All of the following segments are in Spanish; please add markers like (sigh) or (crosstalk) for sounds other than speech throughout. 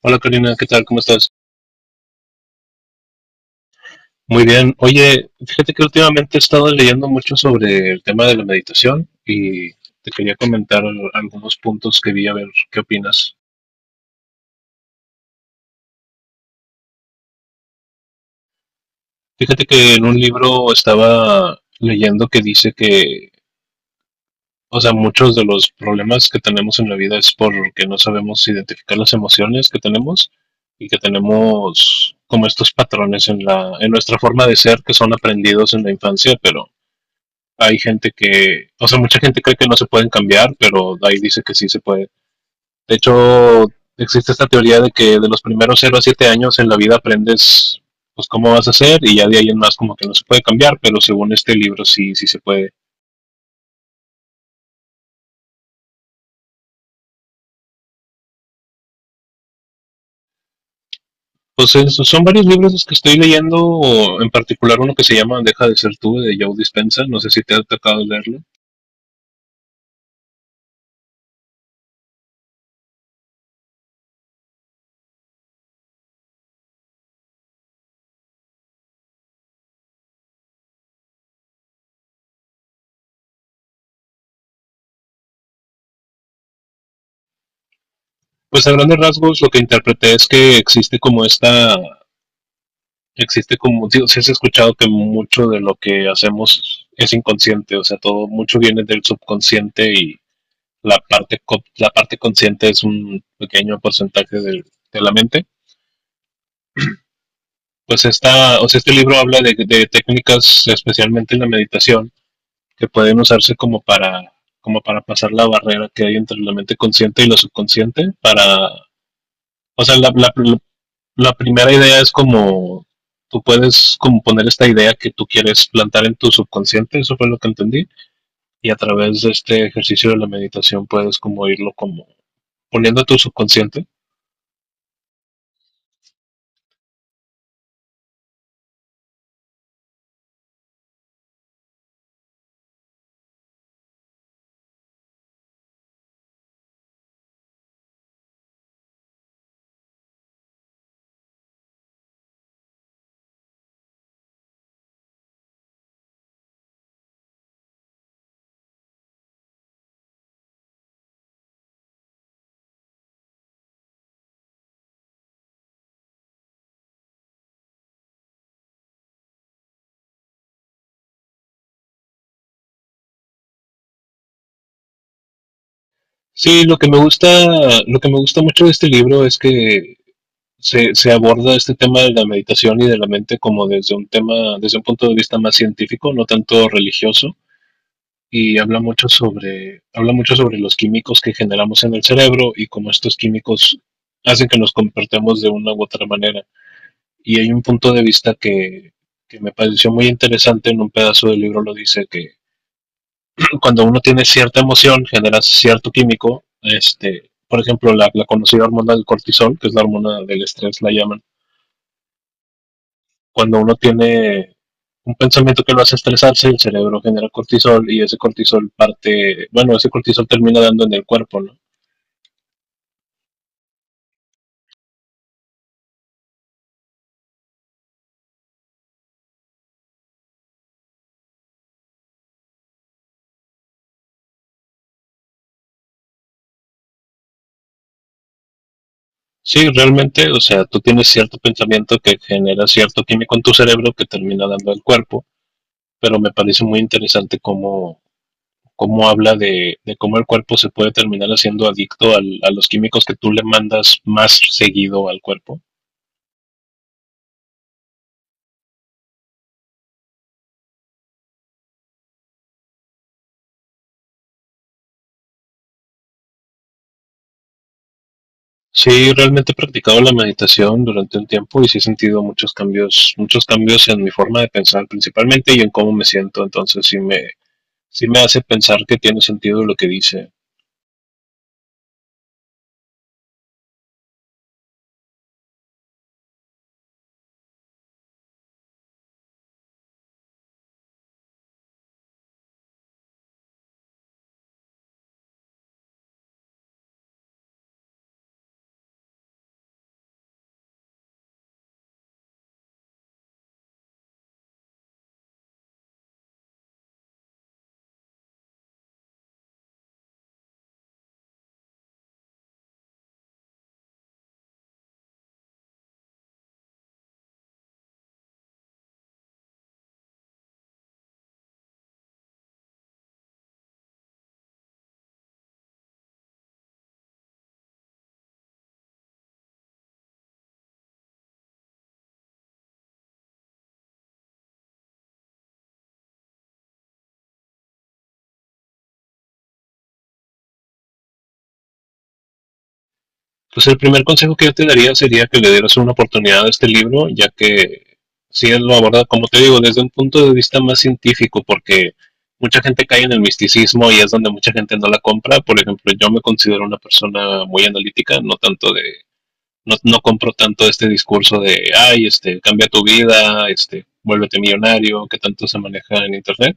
Hola Karina, ¿qué tal? ¿Cómo estás? Muy bien. Oye, fíjate que últimamente he estado leyendo mucho sobre el tema de la meditación y te quería comentar algunos puntos que vi a ver qué opinas. Fíjate que en un libro estaba leyendo que dice que muchos de los problemas que tenemos en la vida es porque no sabemos identificar las emociones que tenemos y que tenemos como estos patrones en nuestra forma de ser que son aprendidos en la infancia, pero hay gente que mucha gente cree que no se pueden cambiar, pero ahí dice que sí se puede. De hecho, existe esta teoría de que de los primeros cero a 7 años en la vida aprendes pues cómo vas a hacer y ya de ahí en más como que no se puede cambiar, pero según este libro sí, sí se puede. Pues eso, son varios libros los que estoy leyendo, o en particular uno que se llama Deja de ser tú de Joe Dispenza. No sé si te ha tocado leerlo. Pues a grandes rasgos lo que interpreté es que existe como, digo, si has escuchado que mucho de lo que hacemos es inconsciente, o sea, todo, mucho viene del subconsciente y la parte, la parte consciente es un pequeño porcentaje de la mente. Pues este libro habla de técnicas, especialmente en la meditación, que pueden usarse como para pasar la barrera que hay entre la mente consciente y lo subconsciente, para, o sea, la primera idea es como tú puedes como poner esta idea que tú quieres plantar en tu subconsciente, eso fue lo que entendí, y a través de este ejercicio de la meditación puedes como irlo como poniendo a tu subconsciente. Sí, lo que me gusta, lo que me gusta mucho de este libro es que aborda este tema de la meditación y de la mente como desde un tema, desde un punto de vista más científico, no tanto religioso, y habla mucho sobre los químicos que generamos en el cerebro y cómo estos químicos hacen que nos comportemos de una u otra manera. Y hay un punto de vista que me pareció muy interesante en un pedazo del libro, lo dice que (clears throat) cuando uno tiene cierta emoción, genera cierto químico, este, por ejemplo, la conocida hormona del cortisol, que es la hormona del estrés, la llaman, cuando uno tiene un pensamiento que lo hace estresarse, el cerebro genera cortisol y ese cortisol parte, bueno, ese cortisol termina dando en el cuerpo, ¿no? Sí, realmente, o sea, tú tienes cierto pensamiento que genera cierto químico en tu cerebro que termina dando al cuerpo, pero me parece muy interesante cómo, cómo habla cómo el cuerpo se puede terminar haciendo adicto al, a los químicos que tú le mandas más seguido al cuerpo. Sí, realmente he practicado la meditación durante un tiempo y sí he sentido muchos cambios en mi forma de pensar principalmente y en cómo me siento, entonces sí me hace pensar que tiene sentido lo que dice. Pues el primer consejo que yo te daría sería que le dieras una oportunidad a este libro, ya que sí él lo aborda, como te digo, desde un punto de vista más científico, porque mucha gente cae en el misticismo y es donde mucha gente no la compra. Por ejemplo, yo me considero una persona muy analítica, no tanto de no compro tanto este discurso de, ay, este, cambia tu vida, este, vuélvete millonario, que tanto se maneja en Internet.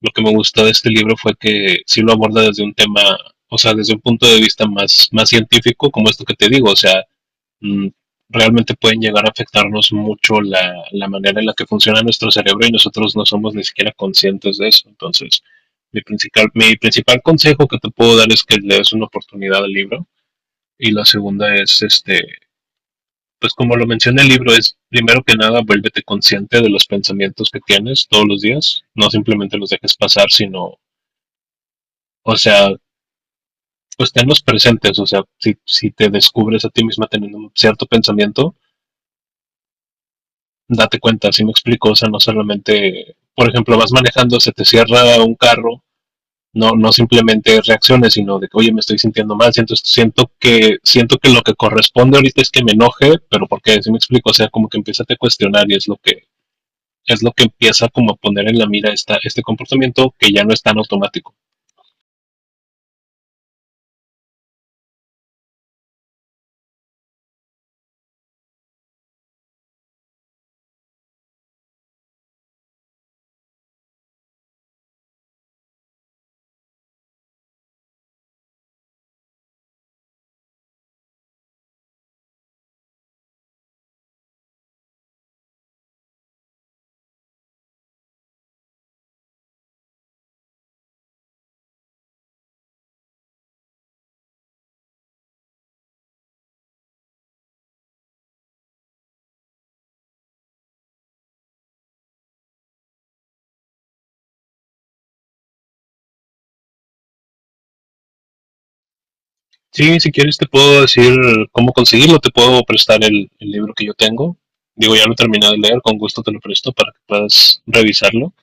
Lo que me gustó de este libro fue que sí lo aborda desde un tema, o sea, desde un punto de vista más científico, como esto que te digo, o sea, mm, realmente pueden llegar a afectarnos mucho la manera en la que funciona nuestro cerebro y nosotros no somos ni siquiera conscientes de eso. Entonces, mi principal consejo que te puedo dar es que le des una oportunidad al libro y la segunda es este pues como lo menciona el libro, es primero que nada, vuélvete consciente de los pensamientos que tienes todos los días, no simplemente los dejes pasar, sino, o sea, pues tenlos presentes, o sea, si te descubres a ti misma teniendo un cierto pensamiento, date cuenta, si me explico, o sea, no solamente, por ejemplo, vas manejando, se te cierra un carro, no simplemente reacciones, sino de que, oye, me estoy sintiendo mal, siento que lo que corresponde ahorita es que me enoje, pero por qué si me explico, o sea, como que empiezas a cuestionar y es lo que empieza como a poner en la mira esta, este comportamiento que ya no es tan automático. Sí, si quieres te puedo decir cómo conseguirlo, te puedo prestar el libro que yo tengo. Digo, ya lo he terminado de leer, con gusto te lo presto para que puedas revisarlo.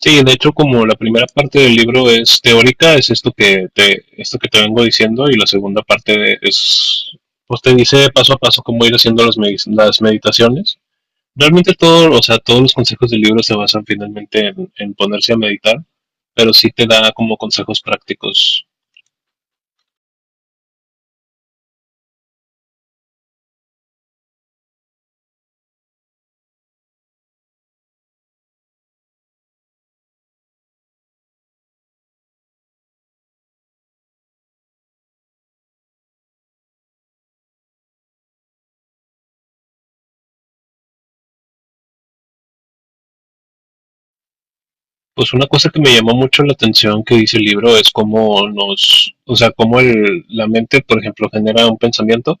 Sí, de hecho, como la primera parte del libro es teórica, es esto que te vengo diciendo, y la segunda es, pues te dice paso a paso cómo ir haciendo las meditaciones. Realmente todo, o sea, todos los consejos del libro se basan finalmente en ponerse a meditar, pero sí te da como consejos prácticos. Pues una cosa que me llamó mucho la atención que dice el libro es cómo nos, o sea, cómo el, la mente, por ejemplo, genera un pensamiento,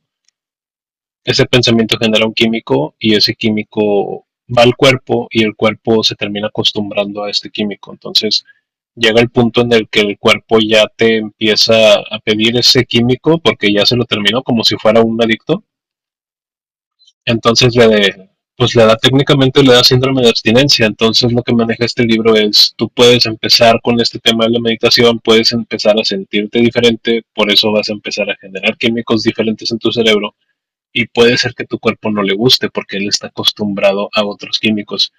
ese pensamiento genera un químico y ese químico va al cuerpo y el cuerpo se termina acostumbrando a este químico. Entonces llega el punto en el que el cuerpo ya te empieza a pedir ese químico porque ya se lo terminó como si fuera un adicto. Entonces pues le da técnicamente le da síndrome de abstinencia. Entonces lo que maneja este libro es, tú puedes empezar con este tema de la meditación, puedes empezar a sentirte diferente, por eso vas a empezar a generar químicos diferentes en tu cerebro y puede ser que tu cuerpo no le guste porque él está acostumbrado a otros químicos.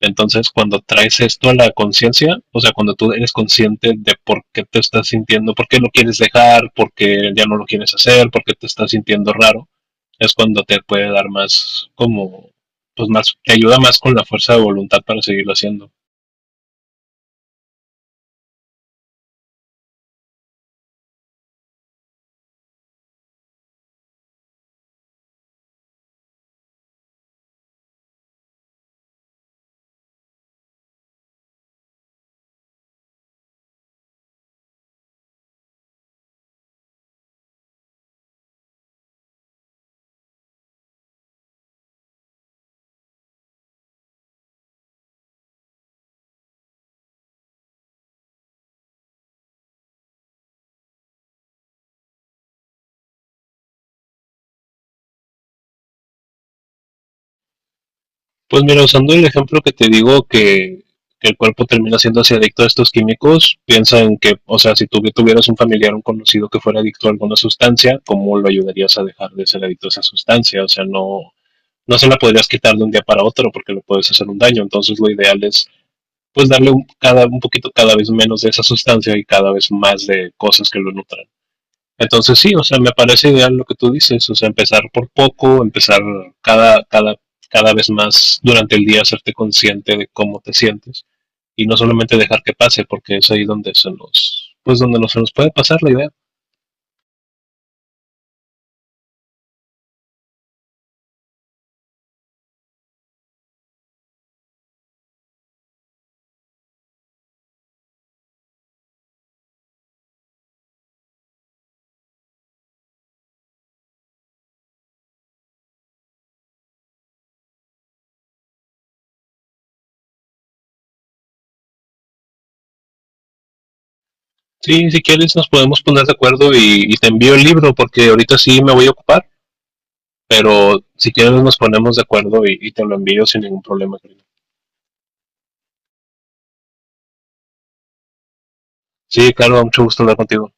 Entonces, cuando traes esto a la conciencia, o sea, cuando tú eres consciente de por qué te estás sintiendo, por qué lo quieres dejar, por qué ya no lo quieres hacer, por qué te estás sintiendo raro, es cuando te puede dar más, como, pues más, te ayuda más con la fuerza de voluntad para seguirlo haciendo. Pues mira, usando el ejemplo que te digo que el cuerpo termina siendo así adicto a estos químicos, piensa en que, o sea, si tú tuvieras un familiar, un conocido que fuera adicto a alguna sustancia, ¿cómo lo ayudarías a dejar de ser adicto a esa sustancia? O sea, no se la podrías quitar de un día para otro porque le puedes hacer un daño. Entonces lo ideal es pues darle un, cada, un poquito cada vez menos de esa sustancia y cada vez más de cosas que lo nutran. Entonces sí, o sea, me parece ideal lo que tú dices, o sea, empezar por poco, empezar cada, cada, cada vez más durante el día, hacerte consciente de cómo te sientes y no solamente dejar que pase, porque es ahí donde se nos, pues donde no se nos puede pasar la idea. Sí, si quieres nos podemos poner de acuerdo y te envío el libro porque ahorita sí me voy a ocupar. Pero si quieres nos ponemos de acuerdo y te lo envío sin ningún problema. Karina. Sí, claro, mucho gusto hablar contigo.